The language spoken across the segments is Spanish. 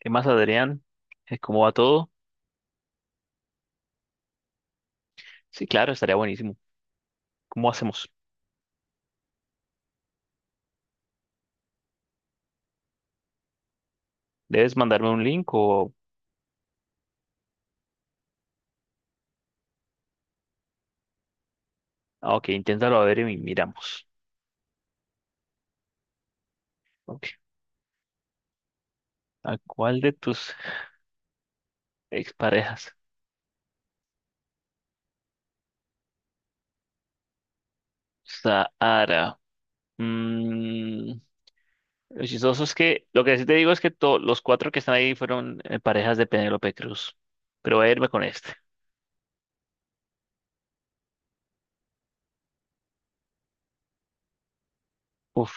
¿Qué más, Adrián? ¿Cómo va todo? Sí, claro, estaría buenísimo. ¿Cómo hacemos? ¿Debes mandarme un link o...? Ah, ok, inténtalo a ver y miramos. Ok. ¿A cuál de tus exparejas? Sahara. Mm, lo chistoso es que... Lo que sí te digo es que los cuatro que están ahí fueron parejas de Penélope Cruz. Pero voy a irme con este. Uf,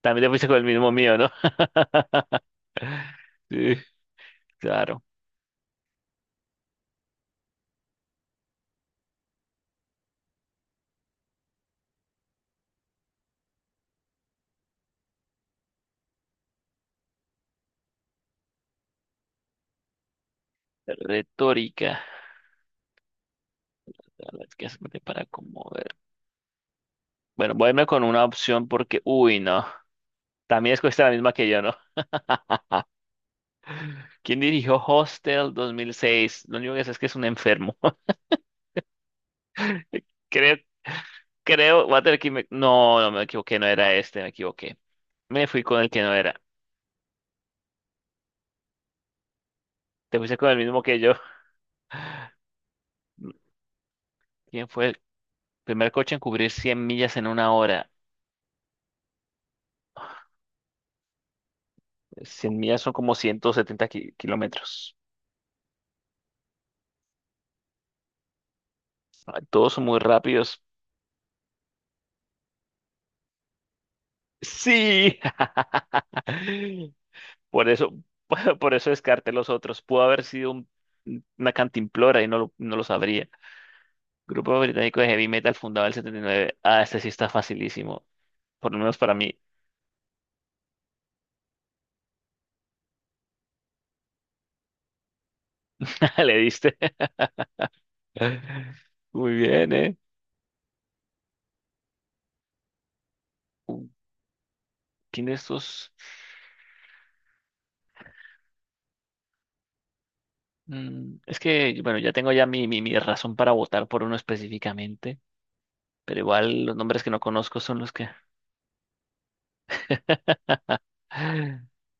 también te fuiste con el mismo mío, ¿no? Sí, claro. Retórica. A ver, ¿qué hace para conmover? Bueno, voy a irme con una opción porque... Uy, no. También escogiste la misma que yo, ¿no? ¿Quién dirigió Hostel 2006? Lo único que sé es que es un enfermo. Creo, creo, voy a tener que... No, no, me equivoqué, no era este, me equivoqué. Me fui con el que no era. Te fuiste con el mismo que yo. ¿Quién fue el primer coche en cubrir 100 millas en una hora? 100 millas son como 170 kilómetros. Ay, todos son muy rápidos. Sí. Por eso, por eso descarté los otros. Pudo haber sido una cantimplora y no lo sabría. Grupo británico de heavy metal fundado en el 79. Ah, este sí está facilísimo. Por lo menos para mí. Le diste. Muy bien, ¿eh? Uh, ¿Quién de estos? Es que, bueno, ya tengo ya mi razón para votar por uno específicamente. Pero igual los nombres que no conozco son los que...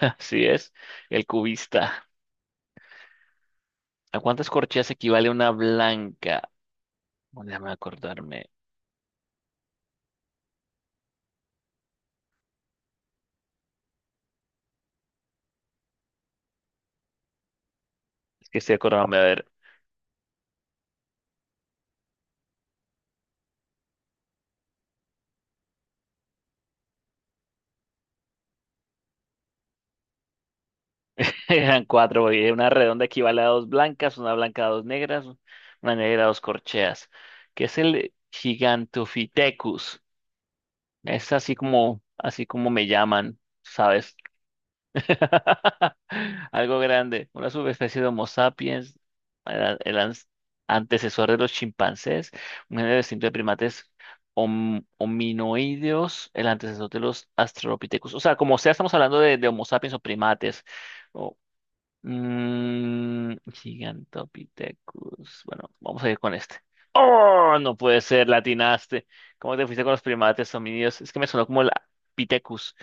Así es. El cubista. ¿A cuántas corcheas equivale una blanca? Bueno, déjame acordarme. Es que estoy acordándome, a ver. Eran cuatro, porque una redonda equivale a dos blancas, una blanca a dos negras, una negra a dos corcheas. ¿Que es el Gigantopithecus? Es así como me llaman, ¿sabes? Algo grande, una subespecie de Homo sapiens, el antecesor de los chimpancés, un género distinto de primates hominoideos, el antecesor de los australopithecus. O sea, como sea, estamos hablando de Homo sapiens o primates. O, Gigantopithecus. Bueno, vamos a ir con este. ¡Oh! No puede ser, latinaste. ¿Cómo te fuiste con los primates homídeos? Es que me sonó como el Pithecus.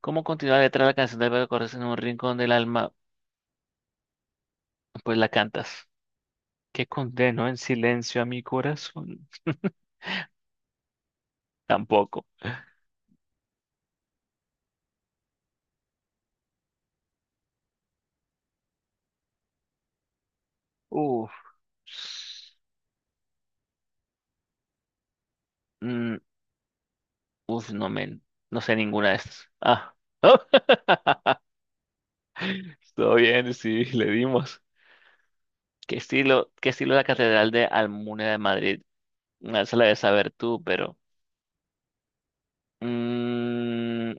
¿Cómo continúa la letra de la canción del Beto Cortés en un rincón del alma? Pues la cantas. ¿Qué condeno en silencio a mi corazón? Tampoco. Uf. Mm, Uf, no men. No sé ninguna de estas. Ah. Todo bien, sí, le dimos. ¿Qué estilo es la Catedral de Almunia de Madrid? Ah, esa la debes saber tú, pero. mm,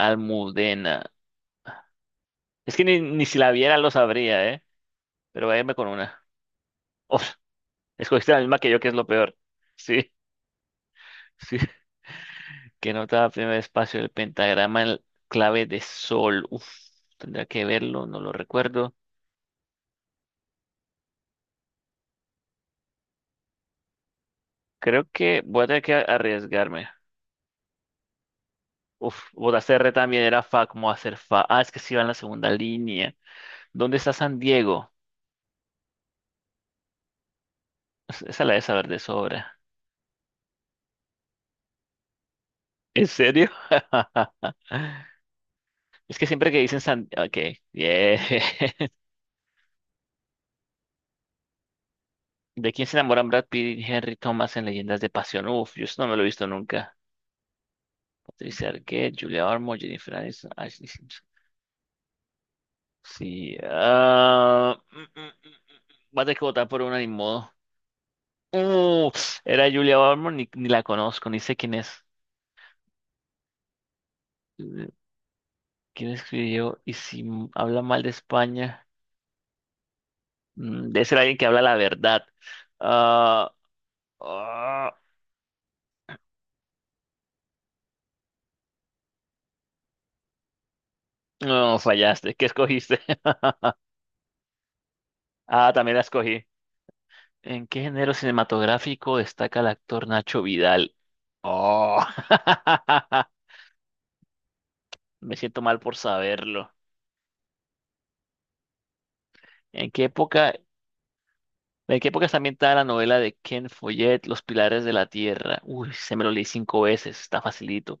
Almudena. Es que ni si la viera lo sabría, ¿eh? Pero váyame con una. Uf. Escogiste la misma que yo, que es lo peor. Sí, sí. ¿Que nota primer espacio del pentagrama en clave de sol? Uf, tendría que verlo, no lo recuerdo. Creo que voy a tener que arriesgarme. Uf, votaste R también, era Fa, ¿cómo hacer Fa? Ah, es que sí va en la segunda línea. ¿Dónde está San Diego? Esa la de saber de sobra. ¿En serio? Es que siempre que dicen San... Ok, bien. ¿De quién se enamoran Brad Pitt y Henry Thomas en Leyendas de Pasión? Uf, yo eso no me lo he visto nunca. Patricia Arquette, Julia Ormond, Jennifer Aniston, Ashley Simpson. Sí. Mm. Voy a tener que votar por una, ni modo. Uh, Era Julia Ormond, ni la conozco, ni sé quién es. Mm, ¿Quién escribió? Y si habla mal de España, debe ser alguien que habla la verdad. Ah, ah, no, fallaste. ¿Qué escogiste? Ah, también la escogí. ¿En qué género cinematográfico destaca el actor Nacho Vidal? Oh. Me siento mal por saberlo. ¿En qué época, en qué época está ambientada la novela de Ken Follett, Los Pilares de la Tierra? Uy, se me lo leí 5 veces, está facilito.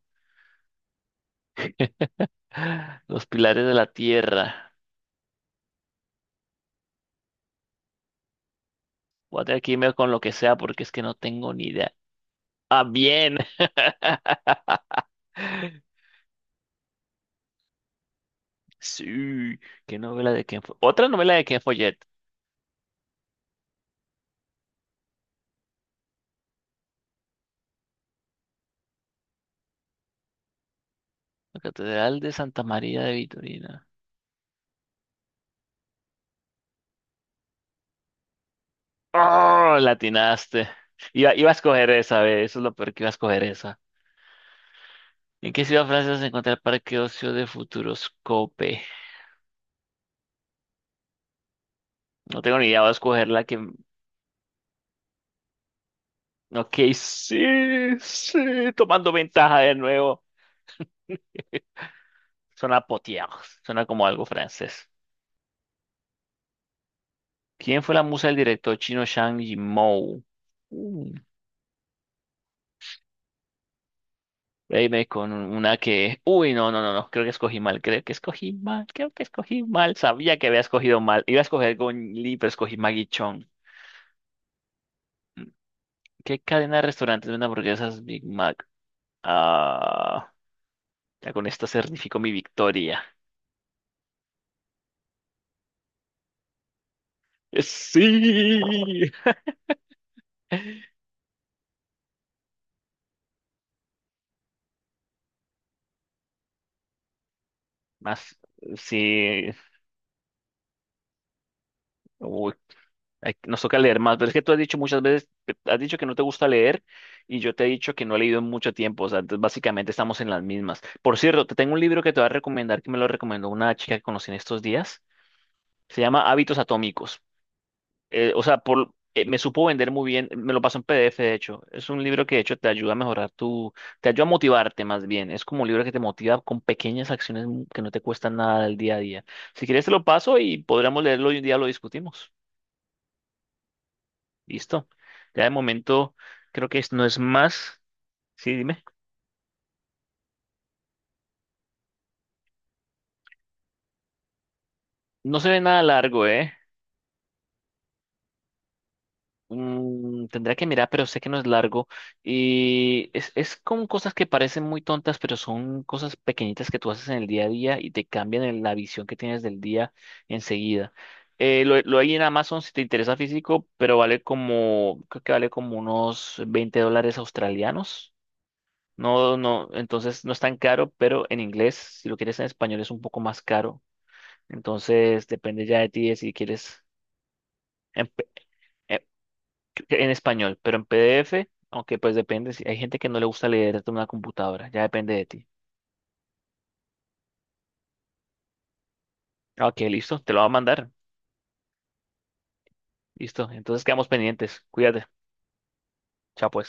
Los Pilares de la Tierra. Voy a tener que irme con lo que sea porque es que no tengo ni idea. Ah, bien. Sí, qué novela de Ken Follett. Otra novela de Ken Follett. La Catedral de Santa María de Vitorina. ¡Oh! La atinaste. Iba a escoger esa, ve, eso es lo peor que iba a escoger. ¿En qué ciudad francesa se encuentra el Parque Ocio de Futuroscope? No tengo ni idea, voy a escoger la que... Ok, sí, sí, tomando ventaja de nuevo. Suena potier, suena como algo francés. ¿Quién fue la musa del director chino Zhang Yimou? Uh, Reíme con una que... Uy, no, no, no, no, creo que escogí mal, creo que escogí mal, creo que escogí mal. Sabía que había escogido mal. Iba a escoger Gong Li, pero escogí Maggie Chong. ¿Qué cadena de restaurantes vende hamburguesas Big Mac? Ah... Ya con esto certifico mi victoria. Sí. Más, sí. Uy, nos toca leer más, pero es que tú has dicho muchas veces, has dicho que no te gusta leer y yo te he dicho que no he leído en mucho tiempo, o sea, entonces básicamente estamos en las mismas. Por cierto, te tengo un libro que te voy a recomendar, que me lo recomendó una chica que conocí en estos días. Se llama Hábitos Atómicos. O sea, me supo vender muy bien, me lo pasó en PDF, de hecho. Es un libro que de hecho te ayuda a mejorar te ayuda a motivarte más bien. Es como un libro que te motiva con pequeñas acciones que no te cuestan nada del día a día. Si quieres te lo paso y podríamos leerlo y un día lo discutimos. Listo. Ya de momento creo que no es más. Sí, dime. No se ve nada largo, ¿eh? Tendría que mirar, pero sé que no es largo. Y es con cosas que parecen muy tontas, pero son cosas pequeñitas que tú haces en el día a día y te cambian la visión que tienes del día enseguida. Lo hay en Amazon si te interesa físico, pero vale como, creo que vale como unos 20 dólares australianos. No, no, entonces no es tan caro, pero en inglés, si lo quieres en español, es un poco más caro. Entonces depende ya de ti de si quieres empe- em- en español, pero en PDF, aunque pues depende, si hay gente que no le gusta leer en una computadora, ya depende de ti. Ok, listo, te lo voy a mandar. Listo, entonces quedamos pendientes. Cuídate. Chao pues.